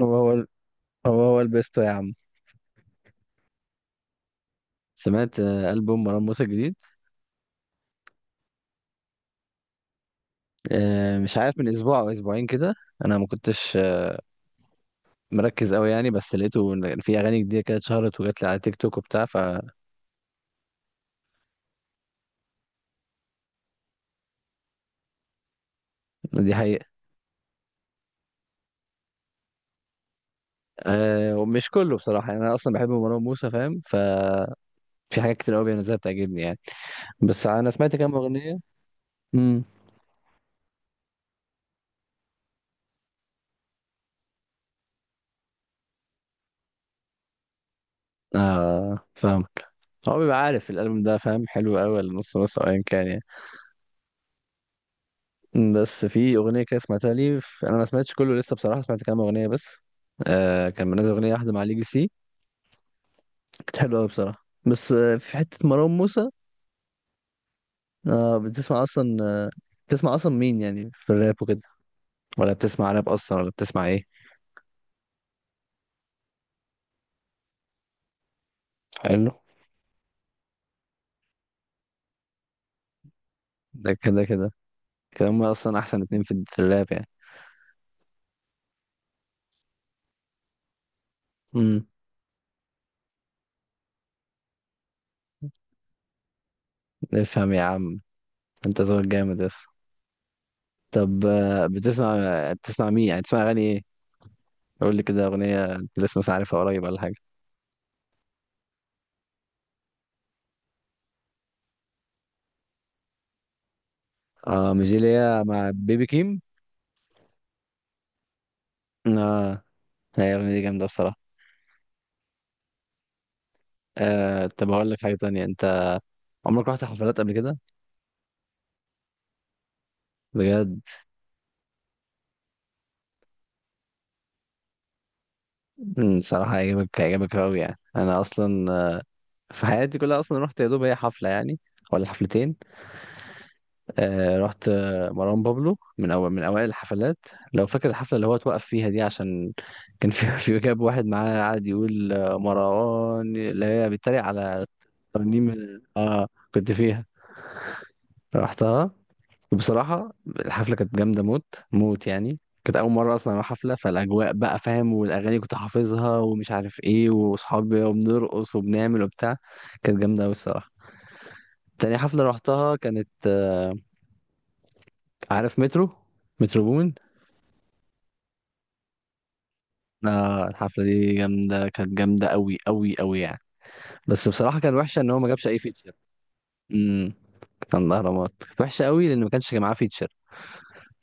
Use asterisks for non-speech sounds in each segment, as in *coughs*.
هو هو ال- هو البيستو يا عم. سمعت ألبوم مروان موسى الجديد. مش عارف من أسبوع أو أسبوعين كده. أنا ما كنتش مركز أوي يعني، بس لقيته إن في أغاني جديدة كده اتشهرت وجات لي على تيك توك وبتاع فدي. حقيقة. أه، ومش كله بصراحة يعني. أنا أصلا بحب مروان موسى فاهم، ففي حاجات كتير أوي بينزلها بتعجبني يعني. بس أنا سمعت كام أغنية. امم آه فاهمك. هو بيبقى عارف الألبوم ده فاهم حلو أوي ولا نص نص أو أيا كان يعني؟ بس في اغنيه كده سمعتها لي، انا ما سمعتش كله لسه بصراحه، سمعت كام اغنيه بس. آه كان منزل اغنيه واحده مع ليجي سي، كانت حلوه قوي بصراحه، بس آه في حته مروان موسى. آه، بتسمع اصلا؟ آه بتسمع اصلا مين يعني في الراب وكده؟ ولا بتسمع راب اصلا ولا بتسمع ايه؟ حلو. ده كده كده. كده هم اصلا احسن اتنين في الراب يعني. امم افهم يا عم. انت ذوقك جامد يس. طب آه، بتسمع، بتسمع مين يعني؟ بتسمع اغاني ايه؟ قول لي كده اغنيه انت لسه مش عارفها قريب ولا حاجه. اه، مش دي اللي هي مع بيبي كيم؟ اه، هي الاغنيه دي جامده بصراحه. آه طب هقول لك حاجه تانية. انت عمرك رحت حفلات قبل كده؟ بجد؟ صراحه هيعجبك، هيعجبك قوي يعني. انا اصلا في حياتي كلها اصلا رحت يا دوب هي حفله يعني، ولا حفلتين. آه رحت مروان بابلو من اول، من اوائل الحفلات. لو فاكر الحفله اللي هو اتوقف فيها دي، عشان كان في *laughs* في جاب واحد معاه قاعد يقول مروان اللي هي بيتريق على ترنيم. كنت فيها، رحتها، وبصراحة الحفلة كانت جامدة موت. موت يعني. كانت أول مرة أصلا أروح حفلة، فالأجواء بقى فاهم، والأغاني كنت حافظها ومش عارف إيه، وأصحابي وبنرقص وبنعمل وبتاع. كانت جامدة أوي الصراحة. تاني حفلة روحتها كانت عارف مترو، مترو بومن. آه الحفلة دي جامدة، كانت جامدة أوي أوي أوي يعني. بس بصراحة كان وحشة إن هو ما جابش أي فيتشر. امم كان الأهرامات، كانت وحشة أوي لأن ما كانش معاه فيتشر.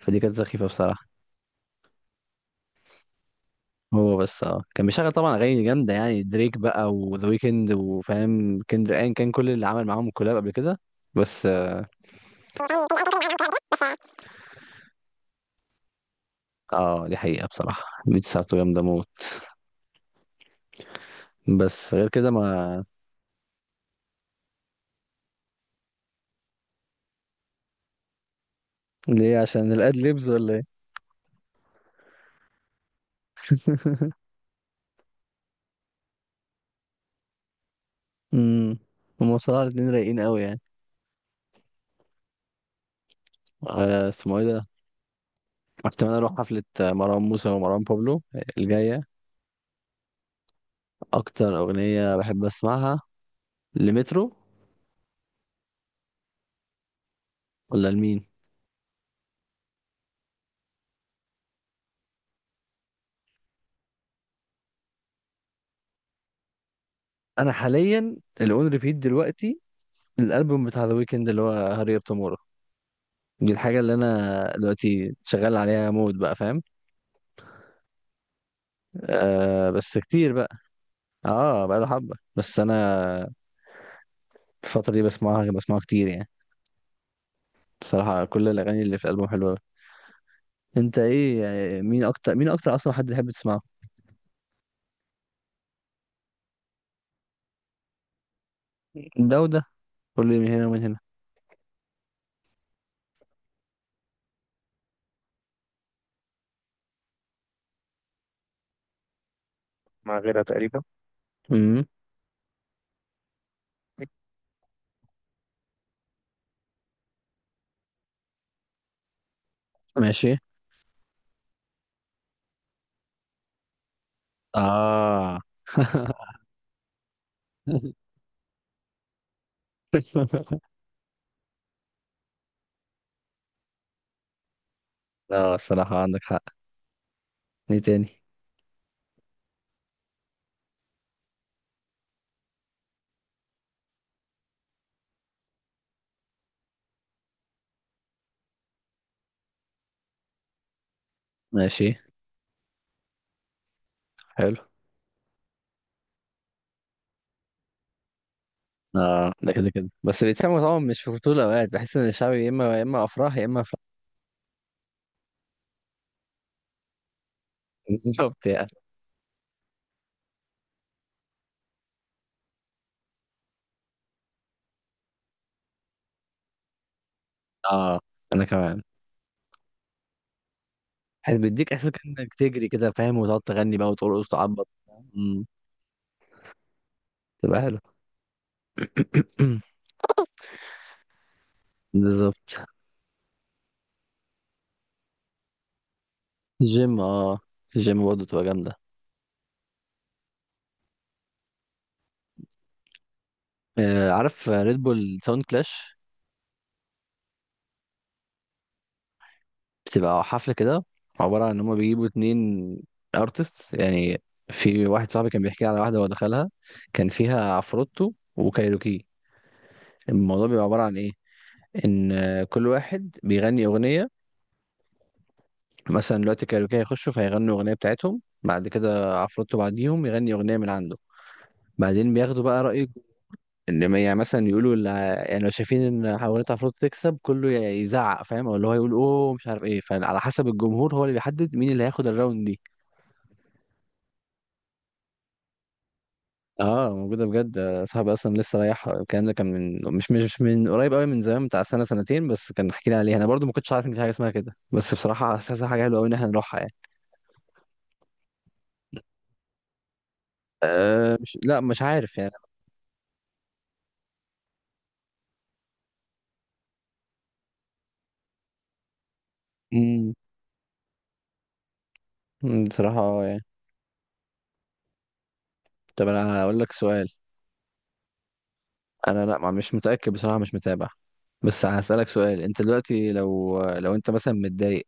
فدي كانت سخيفة بصراحة. هو بس، اه كان بيشغل طبعا اغاني جامده يعني، دريك بقى وذا ويكند وفاهم كندر ان، كان كل اللي عمل معاهم كولاب قبل كده. بس. اه دي حقيقه بصراحه، بيت ساعته جامده موت. بس غير كده ما. ليه، عشان الاد ليبز ولا ايه؟ امم هم بصراحه الاتنين رايقين قوي يعني. اسمه ايه ده. احتمال اروح حفله مروان موسى ومروان بابلو الجايه. اكتر اغنيه بحب اسمعها لمترو، ولا لمين؟ انا حاليا اللي اون ريبيت دلوقتي الالبوم بتاع ذا ويكند اللي هو هاري اب تومورو. دي الحاجة اللي أنا دلوقتي شغال عليها موت بقى فاهم. آه، بس كتير بقى. اه بقى له حبة، بس أنا الفترة دي بسمعها، بسمعها كتير يعني. بصراحة كل الأغاني اللي في الألبوم حلوة أوي. أنت إيه يعني، مين أكتر، مين أكتر أصلا حد تحب تسمعه؟ ده وده، كل من هنا ومن هنا. مع غيرها تقريبا. امم ماشي. اه. *laughs* لا الصراحة عندك حق. ايه تاني؟ ماشي. حلو. اه ده كده كده، بس بيتسموا طبعا مش في طول الاوقات. بحس ان الشعبي يا اما يا اما افراح، يا اما فرح. *laughs* وبتاع. اه انا كمان. حلو، بيديك احساس كانك تجري كده فاهم، وتقعد تغني بقى وترقص وتعبط. امم تبقى حلو. *coughs* بالظبط. الجيم اه، الجيم برضه تبقى جامده. آه عارف ريد بول ساوند كلاش؟ بتبقى حفله كده، عباره عن ان هم بيجيبوا اتنين ارتست يعني. في واحد صاحبي كان بيحكي لي على واحده هو دخلها، كان فيها عفروتو وكايروكي. الموضوع بيبقى عباره عن ايه، ان كل واحد بيغني اغنيه. مثلا دلوقتي كايروكي هيخشوا فهيغنوا اغنيه بتاعتهم، بعد كده عفروتو بعديهم يغني اغنيه من عنده. بعدين بياخدوا بقى رايك، ان ما- يعني مثلا يقولوا يعني لو شايفين ان اغنيه عفروتو تكسب، كله يزعق فاهم، او اللي هو يقول اوه مش عارف ايه. فعلى حسب الجمهور هو اللي بيحدد مين اللي هياخد الراوند دي. اه موجوده بجد. صاحبي اصلا لسه رايح. الكلام ده كان من مش مش مش من قريب قوي، من زمان بتاع سنه سنتين، بس كان حكينا عليها. انا برضو ما كنتش عارف ان في حاجه اسمها كده، بس بصراحه حاسسها حاجه حلوه قوي ان احنا نروحها يعني. أه مش، لا مش عارف يعني. مم، بصراحة اه يعني. طب انا هقول لك سؤال. انا لا، مش متأكد بصراحة، مش متابع. بس هسألك سؤال. انت دلوقتي لو، انت مثلا متضايق،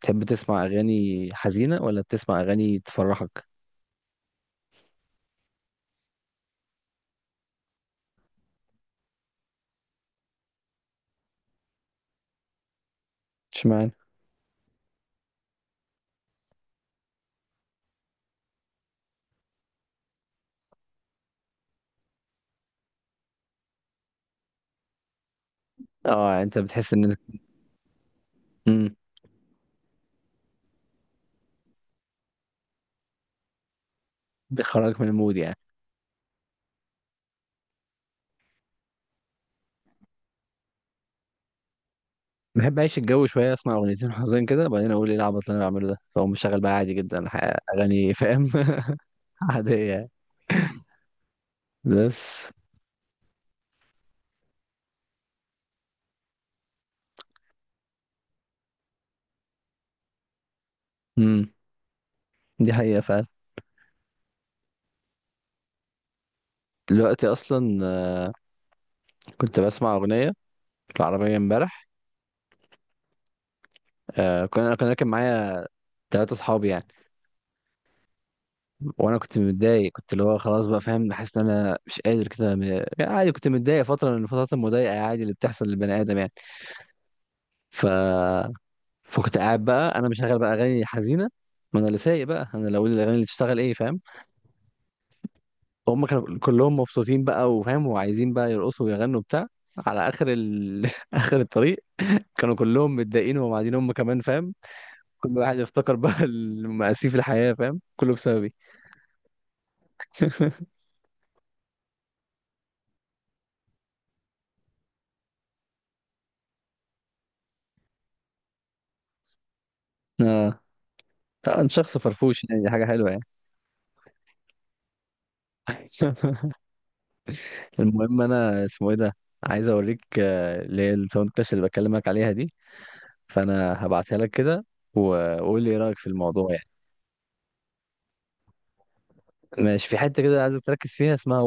بتحب تسمع اغاني حزينة ولا بتسمع اغاني تفرحك؟ اشمعنى؟ اه انت بتحس ان. امم بيخرجك من المود يعني؟ بحب اعيش الجو شوية، اسمع اغنيتين حزين كده، وبعدين اقول ايه العبط اللي انا بعمله ده، فاقوم مشغل بقى عادي جدا اغاني فاهم. *laughs* عادية يعني. بس. امم دي حقيقة فعلا. دلوقتي اصلا كنت بسمع أغنية في العربية امبارح. آه كنا، كان راكب معايا 3 أصحابي يعني. وأنا كنت متضايق، كنت اللي هو خلاص بقى فاهم، حاسس إن أنا مش قادر كده يعني. عادي كنت متضايق فترة من الفترات المضايقة عادي، اللي بتحصل للبني آدم يعني. ف... فكنت قاعد بقى أنا مشغل بقى أغاني حزينة. ما أنا اللي سايق بقى، أنا اللي أقول الأغاني اللي تشتغل إيه فاهم. هم كانوا كلهم مبسوطين بقى وفاهم وعايزين بقى يرقصوا ويغنوا بتاع على آخر *laughs* آخر الطريق كانوا كلهم متضايقين وهم قاعدين، هم كمان فاهم. كل واحد يفتكر بقى *laughs* المآسي في الحياة فاهم، كله بسببي. *laughs* اه طبعا، شخص فرفوش يعني دي حاجة حلوة يعني. *laughs* المهم انا اسمه ايه ده، عايز اوريك اللي هي الساوند كلاش اللي بكلمك عليها دي. فانا هبعتها لك كده، وقول لي ايه رأيك في الموضوع يعني. ماشي في حتة كده عايزك تركز فيها اسمها.